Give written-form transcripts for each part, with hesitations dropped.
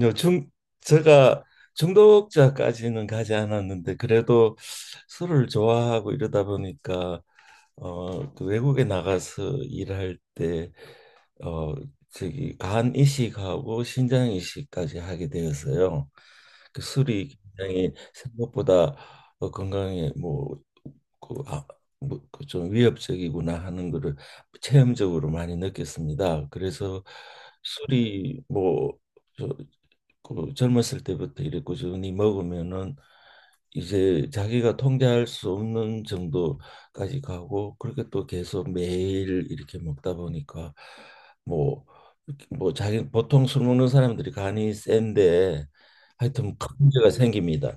요중 제가 중독자까지는 가지 않았는데 그래도 술을 좋아하고 이러다 보니까 어그 외국에 나가서 일할 때 어 저기 간 이식하고 신장 이식까지 하게 되어서요. 그 술이 굉장히 생각보다 건강에 뭐그 아, 뭐좀 위협적이구나 하는 거를 체험적으로 많이 느꼈습니다. 그래서 술이 뭐저 그 젊었을 때부터 이래 꾸준히 먹으면은 이제 자기가 통제할 수 없는 정도까지 가고, 그렇게 또 계속 매일 이렇게 먹다 보니까 뭐 뭐 자기, 보통 술 먹는 사람들이 간이 센데 하여튼 큰 문제가 생깁니다.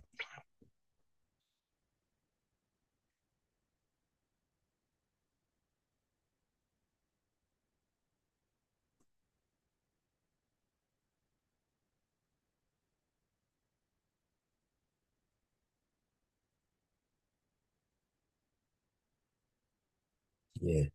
예.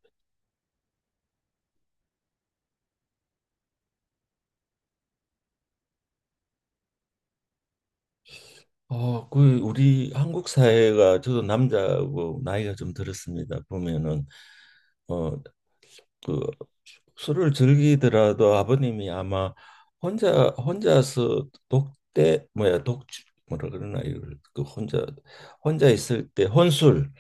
어, 그 우리 한국 사회가, 저도 남자고 나이가 좀 들었습니다. 보면은 어 그 술을 즐기더라도 아버님이 아마 혼자서 독대, 뭐야 독, 뭐라 그러나, 이걸 그 혼자 있을 때 혼술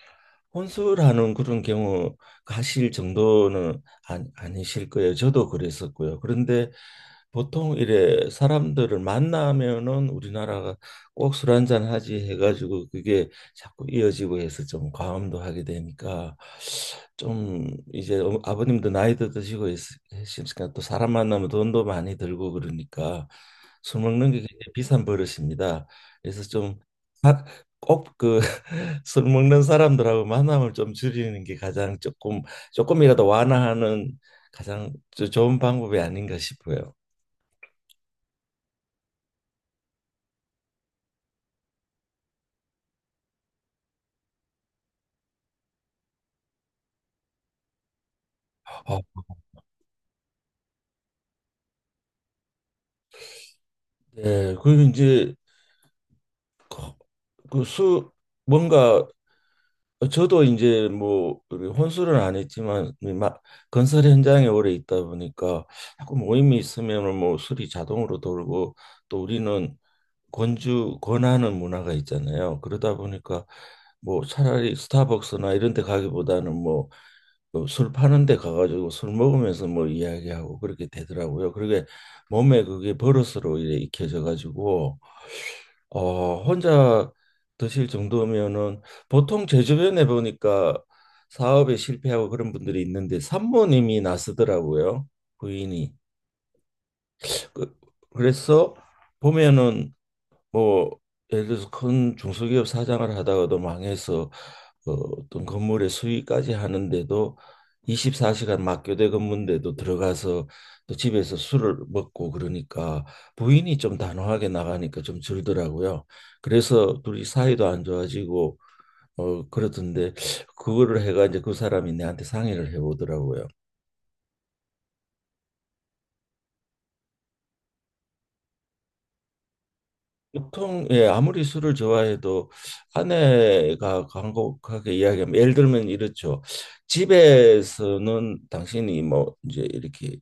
혼술하는 그런 경우 하실 정도는 아니실 거예요. 저도 그랬었고요. 그런데 보통 이래 사람들을 만나면은 우리나라가 꼭 "술 한잔 하지" 해가지고, 그게 자꾸 이어지고 해서 좀 과음도 하게 되니까, 좀 이제 아버님도 나이도 드시고 있으니까 또 사람 만나면 돈도 많이 들고, 그러니까 술 먹는 게 굉장히 비싼 버릇입니다. 그래서 좀 사- 꼭 그 술 먹는 사람들하고 만남을 좀 줄이는 게 가장, 조금 조금이라도 완화하는 가장 좋은 방법이 아닌가 싶어요. 어, 네, 그리고 이제 그 술, 뭔가 저도 이제 뭐 우리 혼술은 안 했지만 막 건설 현장에 오래 있다 보니까 자꾸 모임이 있으면은 뭐 술이 자동으로 돌고, 또 우리는 권주 권하는 문화가 있잖아요. 그러다 보니까 뭐 차라리 스타벅스나 이런 데 가기보다는 뭐술 파는 데 가가지고 술 먹으면서 뭐 이야기하고 그렇게 되더라고요. 그게 몸에, 그게 버릇으로 이래 익혀져 가지고 어, 혼자 드실 정도면은, 보통 제 주변에 보니까 사업에 실패하고 그런 분들이 있는데 산모님이 나서더라고요. 부인이. 그, 그래서 보면은 뭐 예를 들어서 큰 중소기업 사장을 하다가도 망해서 어, 어떤 건물의 수위까지 하는데도, 24시간 막교대 근무인데도 들어가서 또 집에서 술을 먹고 그러니까 부인이 좀 단호하게 나가니까 좀 줄더라고요. 그래서 둘이 사이도 안 좋아지고 어 그렇던데, 그거를 해가 이제 그 사람이 내한테 상의를 해보더라고요. 보통 예, 아무리 술을 좋아해도 아내가 간곡하게 이야기하면, 예를 들면 이렇죠. "집에서는 당신이 뭐 이제 이렇게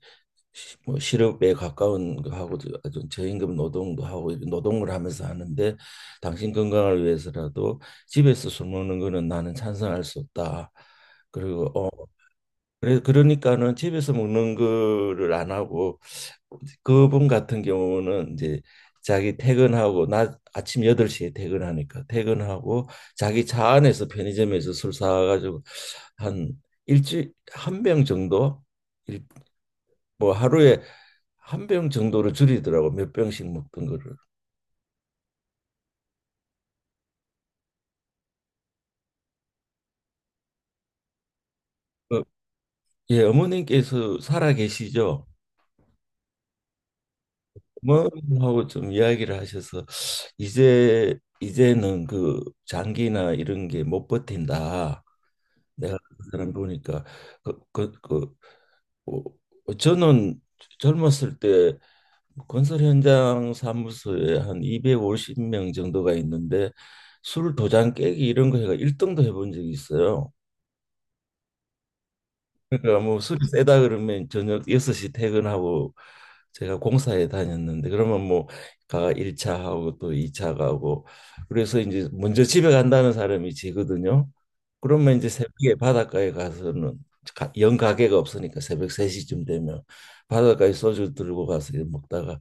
뭐 실업에 가까운 거 하고 아주 저임금 노동도 하고 이런 노동을 하면서 하는데, 당신 건강을 위해서라도 집에서 술 먹는 거는 나는 찬성할 수 없다." 그리고 어, 그래 그러니까는 집에서 먹는 거를 안 하고, 그분 같은 경우는 이제 자기 퇴근하고, 나 아침 8시에 퇴근하니까, 퇴근하고 자기 차 안에서 편의점에서 술 사가지고 한 일주일 한 병 정도, 일- 뭐 하루에 한 병 정도로 줄이더라고. 몇 병씩 먹던 거를. 어, 예 어머님께서 살아 계시죠? 뭐 하고 좀 이야기를 하셔서 "이제 이제는 그 장기나 이런 게 못 버틴다. 내가 그 사람 보니까" 그 어, 어, 저는 젊었을 때 건설 현장 사무소에 한 250명 정도가 있는데 술 도장 깨기 이런 거 해가 1등도 해본 적이 있어요. 그러니까 뭐 술이 세다 그러면 저녁 6시 퇴근하고, 제가 공사에 다녔는데, 그러면 뭐 가 1차 하고 또 2차 가고, 그래서 이제 먼저 집에 간다는 사람이 지거든요. 그러면 이제 새벽에 바닷가에 가서는, 영 가게가 없으니까 새벽 3시쯤 되면 바닷가에 소주 들고 가서 이 먹다가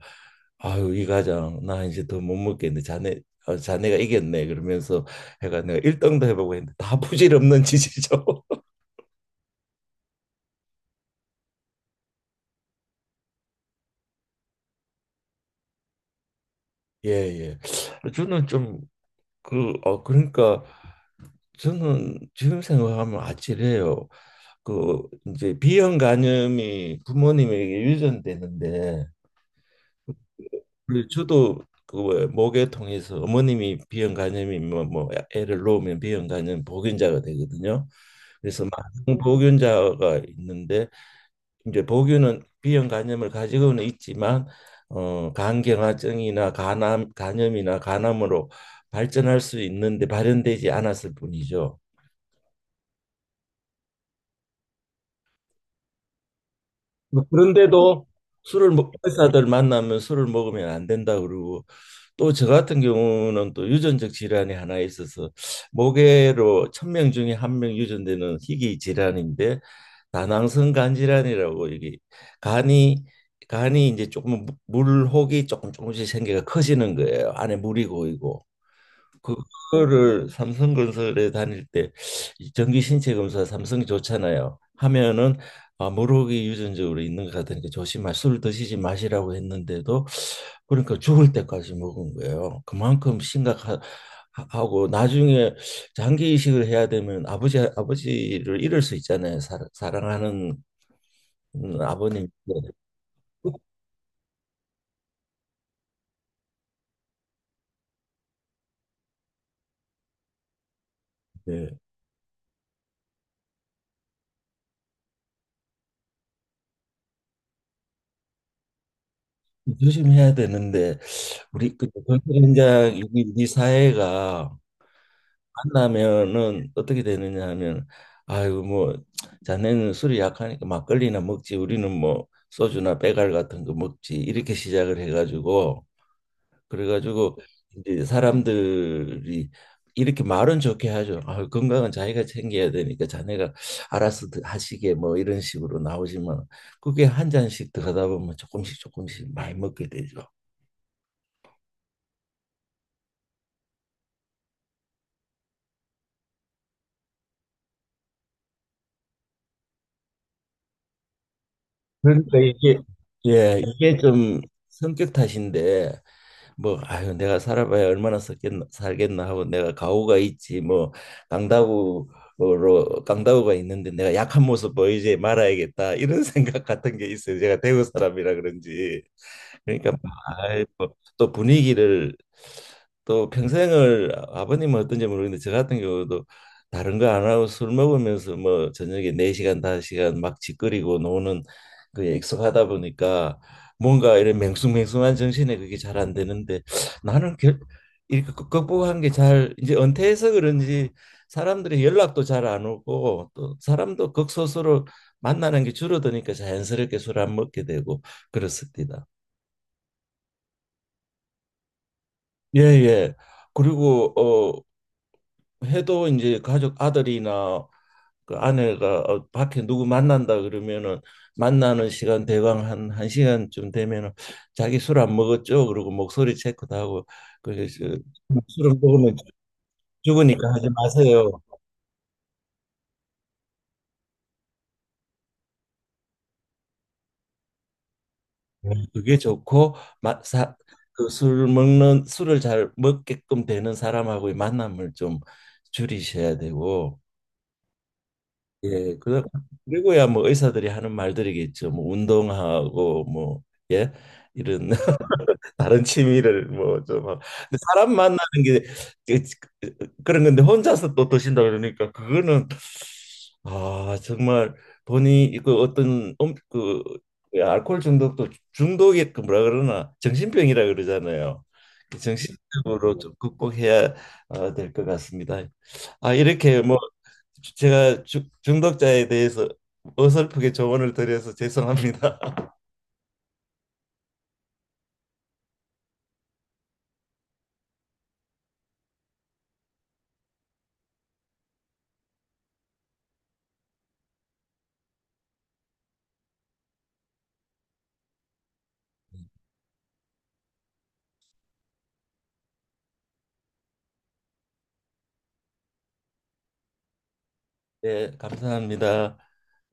"아유 이 과장, 나 이제 더 못 먹겠네. 자네 어, 자네가 이겼네" 그러면서 해가 내가 일등도 해보고 했는데 다 부질없는 짓이죠. 예, 예. 저는 좀 그, 어, 그러니까 저는 지금 생각하면 아찔해요. 그 이제 B형 간염이 부모님에게 유전되는데, 그 저도 그 뭐야, 목에 통해서 어머님이 B형 간염이 뭐, 뭐 애를 낳으면 B형 간염 보균자가 되거든요. 그래서 많은 보균자가 있는데, 이제 보균은 B형 간염을 가지고는 있지만 어, 간경화증이나 간암, 간염이나 간암으로 발전할 수 있는데 발현되지 않았을 뿐이죠. 뭐 그런데도 의사들 만나면 술을 먹으면 안 된다 그러고, 또 저 같은 경우는 또 유전적 질환이 하나 있어서, 모계로 1,000명 중에 한 명 유전되는 희귀 질환인데, 다낭성 간질환이라고. 이게 간이 간이 이제 조금 물혹이 조금 조금씩 생겨가 커지는 거예요. 안에 물이 고이고. 그거를 삼성건설에 다닐 때 이 정기 신체 검사, 삼성이 좋잖아요, 하면은 "아, 물혹이 유전적으로 있는 것 같으니까 술 드시지 마시라고 했는데도, 그러니까 죽을 때까지 먹은 거예요. 그만큼 심각하고, 나중에 장기 이식을 해야 되면 아버지를 잃을 수 있잖아요. 사랑하는 아버님. 네. 조심해야 되는데 우리 그 현장, 우리 사회가 만나면은 어떻게 되느냐 하면, "아이고 뭐 자네는 술이 약하니까 막걸리나 먹지. 우리는 뭐 소주나 배갈 같은 거 먹지" 이렇게 시작을 해가지고, 그래가지고 이제 사람들이 이렇게 말은 좋게 하죠. "아, 건강은 자기가 챙겨야 되니까 자네가 알아서 하시게" 뭐 이런 식으로 나오지만, 그게 한 잔씩 더 하다 보면 조금씩 조금씩 많이 먹게 되죠. 그러니까 이게, 예, 이게 좀 성격 탓인데, 뭐 아유, 내가 살아봐야 얼마나 살겠나, 살겠나 하고, 내가 가오가 있지 뭐, 강다구로 강다구가 있는데 내가 약한 모습 보이지 말아야겠다, 이런 생각 같은 게 있어요. 제가 대구 사람이라 그런지. 그러니까 아이, 뭐또 분위기를, 또 평생을 아버님은 어떤지 모르겠는데 저 같은 경우도 다른 거 안 하고 술 먹으면서 뭐 저녁에 4시간 다섯 시간막 짓거리고 노는 그약 익숙하다 보니까 뭔가 이런 맹숭맹숭한 정신에 그게 잘 안 되는데, 나는 결, 이렇게 극복한 게 잘, 이제 은퇴해서 그런지 사람들이 연락도 잘 안 오고 또 사람도 극소수로 만나는 게 줄어드니까 자연스럽게 술 안 먹게 되고 그렇습니다. 예, 예. 그리고 어, 해도 이제 가족 아들이나 그 아내가 어, 밖에 누구 만난다 그러면은 만나는 시간 대강 한 한 시간쯤 되면은 "자기 술 안 먹었죠?" 그러고 목소리 체크도 하고. 그래서 술을 먹으면, 죽으니까 하지 마세요. 네, 그게 좋고. 마, 사, 그술 먹는 술을 잘 먹게끔 되는 사람하고의 만남을 좀 줄이셔야 되고, 예, 그, 그리고야 뭐 의사들이 하는 말들이겠죠. 뭐 운동하고 뭐, 예, 이런 다른 취미를 뭐좀 하고. 근데 사람 만나는 게 그- 그런 건데, 혼자서 또 드신다 그러니까 그거는 아, 정말 본인 그 어떤 그, 그 알코올 중독도, 중독이 그 뭐라 그러나 정신병이라 그러잖아요. 그 정신적으로 좀 극복해야 아, 될것 같습니다. 아, 이렇게 뭐 제가 중독자에 대해서 어설프게 조언을 드려서 죄송합니다. 예, 감사합니다.